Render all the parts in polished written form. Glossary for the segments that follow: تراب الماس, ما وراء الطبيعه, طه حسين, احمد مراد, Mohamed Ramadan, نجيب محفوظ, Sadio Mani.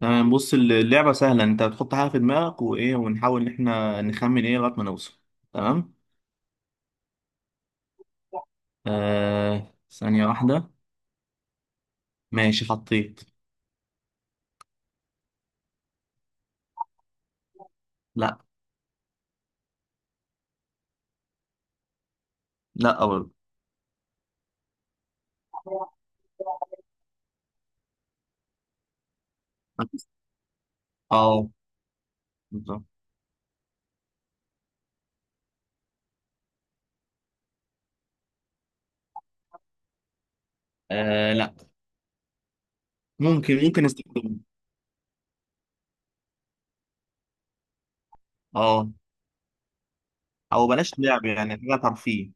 تمام، بص، اللعبة سهلة. انت بتحط حاجة في دماغك وايه، ونحاول ان احنا نخمن ايه لغاية ما نوصل. تمام. ثانية واحدة. ماشي، حطيت. لا. لا برضه. اه، بالظبط. آه لا. ممكن نستخدمه. اه. او بلاش لعب، يعني حاجة ترفيه.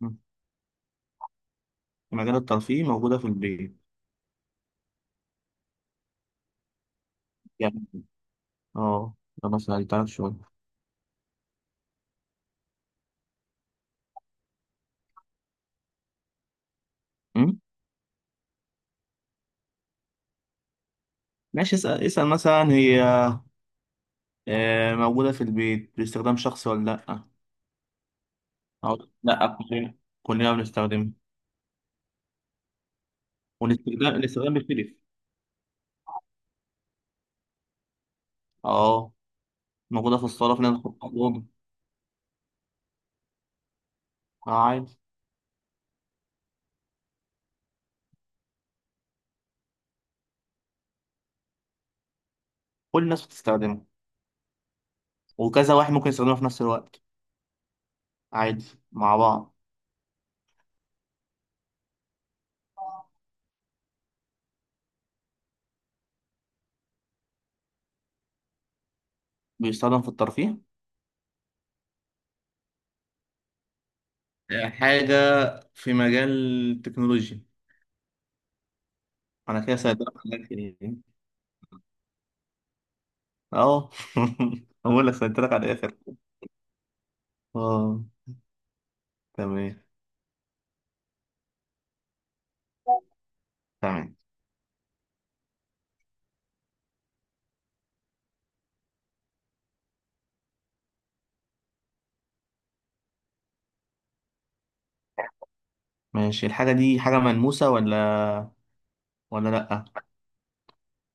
مم. في مجال الترفيه موجودة في البيت، يعني. اه. ده مثلا تعرف شوية. مم؟ ماشي، اسأل اسأل مثلا، هي موجودة في البيت باستخدام شخصي ولا لا؟ لا، كلنا بنستخدمها. والاستخدام بيختلف. اه، موجودة في الصالة، في ناس بتحطها في الأوضة. آه، عادي. كل الناس بتستخدمه، وكذا واحد ممكن يستخدمه في نفس الوقت. عادي، مع بعض. بيستخدم في الترفيه. حاجة في مجال التكنولوجيا. أنا كده سألتلك على الآخر يعني. اه. أقول لك سألتلك على الآخر. اه. تمام. تمام. ماشي، الحاجة دي حاجة ملموسة ولا لأ؟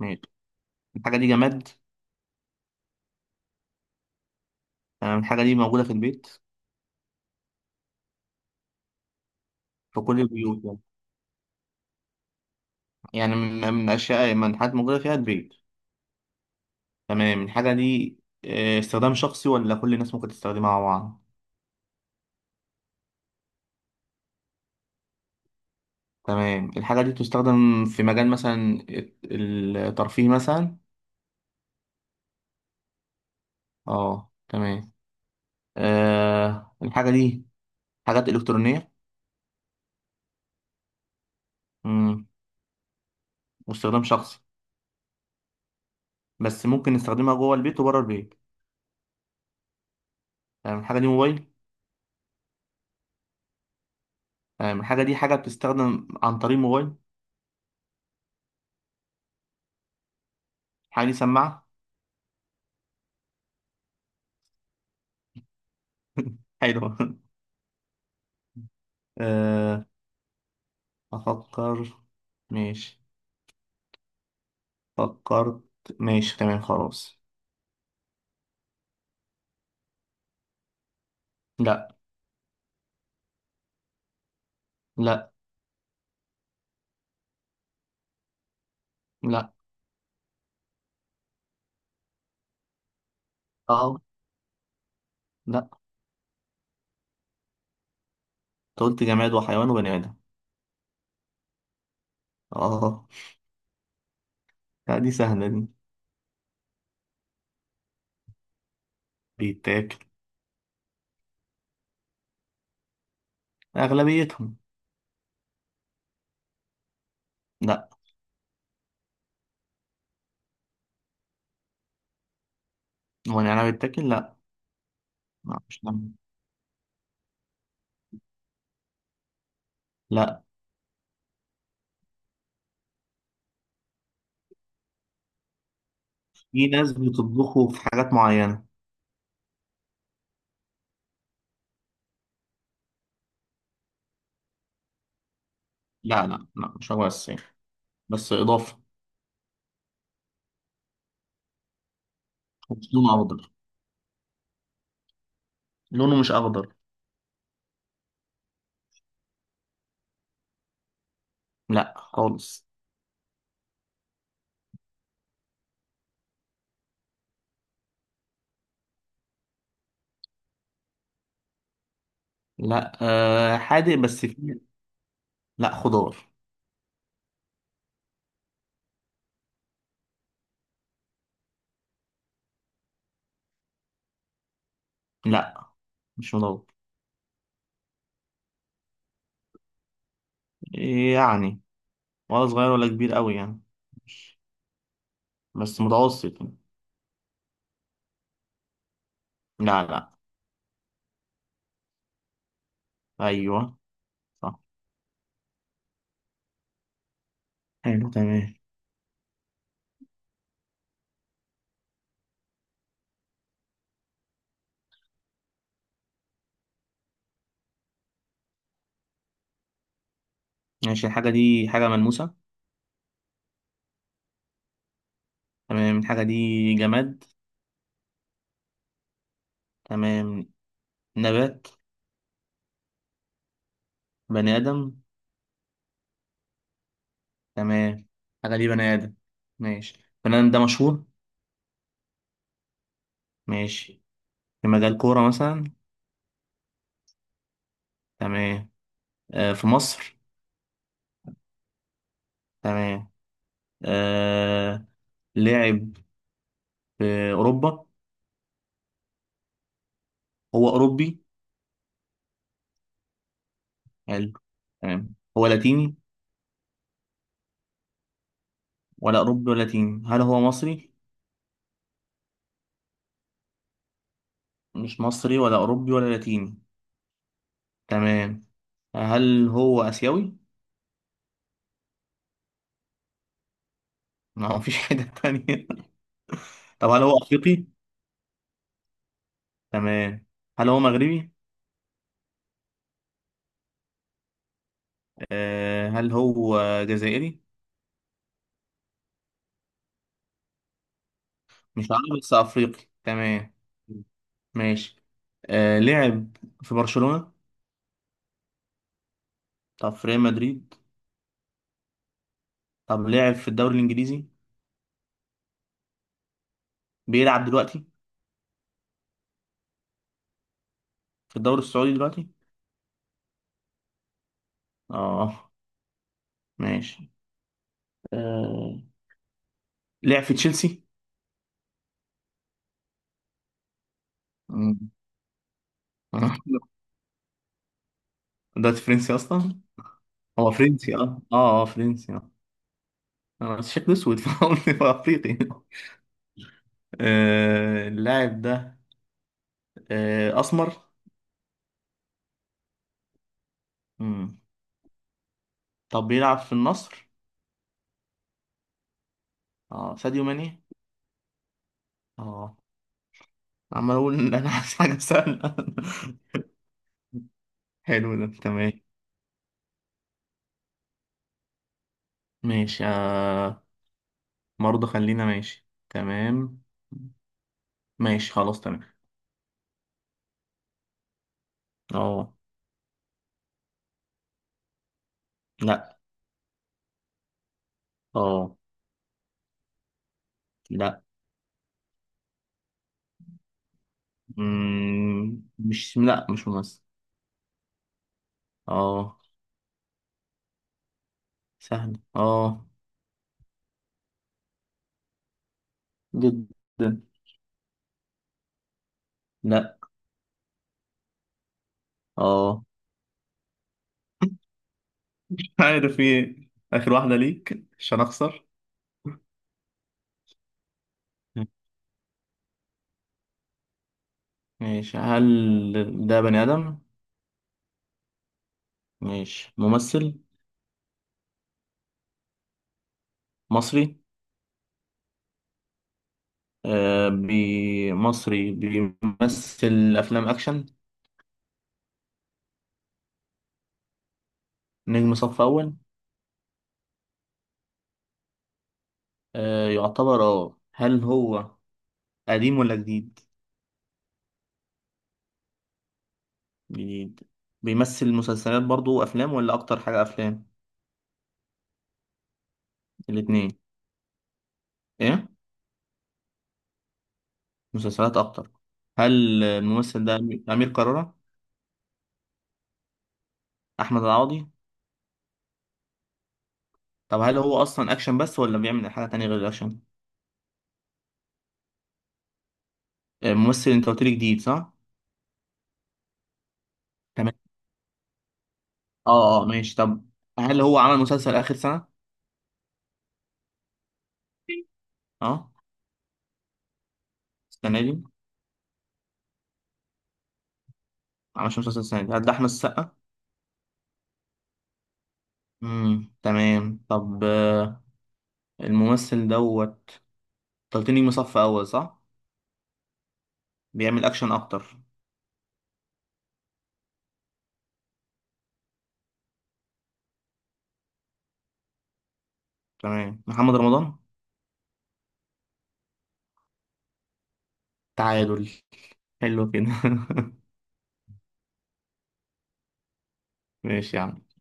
ماشي، الحاجة دي جماد. تمام، الحاجة دي موجودة في البيت. في كل البيوت يعني من أشياء، من حاجات موجودة فيها البيت. تمام، الحاجة دي استخدام شخصي ولا كل الناس ممكن تستخدمها مع بعض؟ تمام، الحاجة دي تستخدم في مجال مثلا الترفيه مثلا. اه، تمام. الحاجة دي حاجات إلكترونية. مم. واستخدام شخصي، بس ممكن نستخدمها جوه البيت وبره البيت. تمام، الحاجة دي موبايل؟ تمام، الحاجة دي حاجة بتستخدم عن طريق موبايل. الحاجة دي سماعة. حلوة. آه أفكر. ماشي، فكرت. ماشي، تمام، خلاص. لا. لا. لا. اه. لا. أنت قلت جماد وحيوان وبني ادم. اه. لا، دي سهلة دي. بيتاكل. اغلبيتهم. لا. هو النعناع بيتاكل؟ لا. لا مش نعناع. لا، في ناس بتطبخه في حاجات معينة. لا، لا، لا، مش هو السيف. بس اضافة. بس لونه اخضر. لونه مش اخضر. لا خالص. لا، حادق بس فيه. لا، خضار. لا، مش مضر. يعني، ولا صغير ولا كبير قوي يعني، بس متوسط يعني. لا، لا. ايوه، صح. حلو، تمام. ماشي، الحاجة دي حاجة ملموسة. تمام، الحاجة دي جماد؟ تمام. نبات؟ بني آدم؟ تمام، الحاجة دي بني آدم. ماشي، بني آدم ده مشهور؟ ماشي، في مجال كورة مثلا. تمام. في مصر؟ تمام. آه لعب في أوروبا. هو أوروبي؟ حلو، تمام. هو لاتيني؟ ولا أوروبي ولا لاتيني؟ هل هو مصري؟ مش مصري ولا أوروبي ولا لاتيني. تمام، هل هو آسيوي؟ ما هو مفيش حاجة تانية. طب هل هو أفريقي؟ تمام. هل هو مغربي؟ هل هو جزائري؟ مش عربي بس أفريقي، تمام. ماشي. لعب في برشلونة؟ طب في ريال مدريد؟ طب لعب في الدوري الإنجليزي، بيلعب دلوقتي؟ في الدوري السعودي دلوقتي. اه. ماشي. آه لعب في تشيلسي؟ مم. ده فرنسي أصلا. هو فرنسي فرنسي. انا شكله اسود، فقلت افريقي. اللاعب ده اسمر. مم. طب بيلعب في النصر. اه، ساديو ماني. اه. عمال اقول ان انا عايز حاجه سهله. حلو، ده تمام. ماشي. برضه، خلينا. ماشي، تمام. ماشي، خلاص، تمام. اه. لا. اه. لا. مم. مش لا، مش ممثل. اه، سهل. اه، جدا. لا. اه. عارف ايه، اخر واحدة ليك عشان اخسر. ماشي، هل ده بني آدم؟ ماشي، ممثل مصري؟ آه بي مصري بيمثل أفلام أكشن. نجم صف أول. يعتبر. اه، هل هو قديم ولا جديد؟ جديد. بيمثل مسلسلات برضو وأفلام، ولا أكتر حاجة أفلام؟ الاتنين؟ إيه، مسلسلات أكتر؟ هل الممثل ده أمير قرارة؟ أحمد العوضي؟ طب هل هو أصلا أكشن بس، ولا بيعمل حاجة تانية غير الأكشن؟ ممثل. انت قلت لي جديد صح؟ تمام. اه ماشي، طب هل هو عمل مسلسل اخر سنة؟ اه، السنة دي ما عملش مسلسل. السنة دي هل ده احمد السقا؟ تمام. طب، الممثل دوت، انت قلت لي نجم صف اول صح؟ بيعمل اكشن اكتر. تمام، محمد رمضان. تعادل. حلو كده. ماشي يا عم.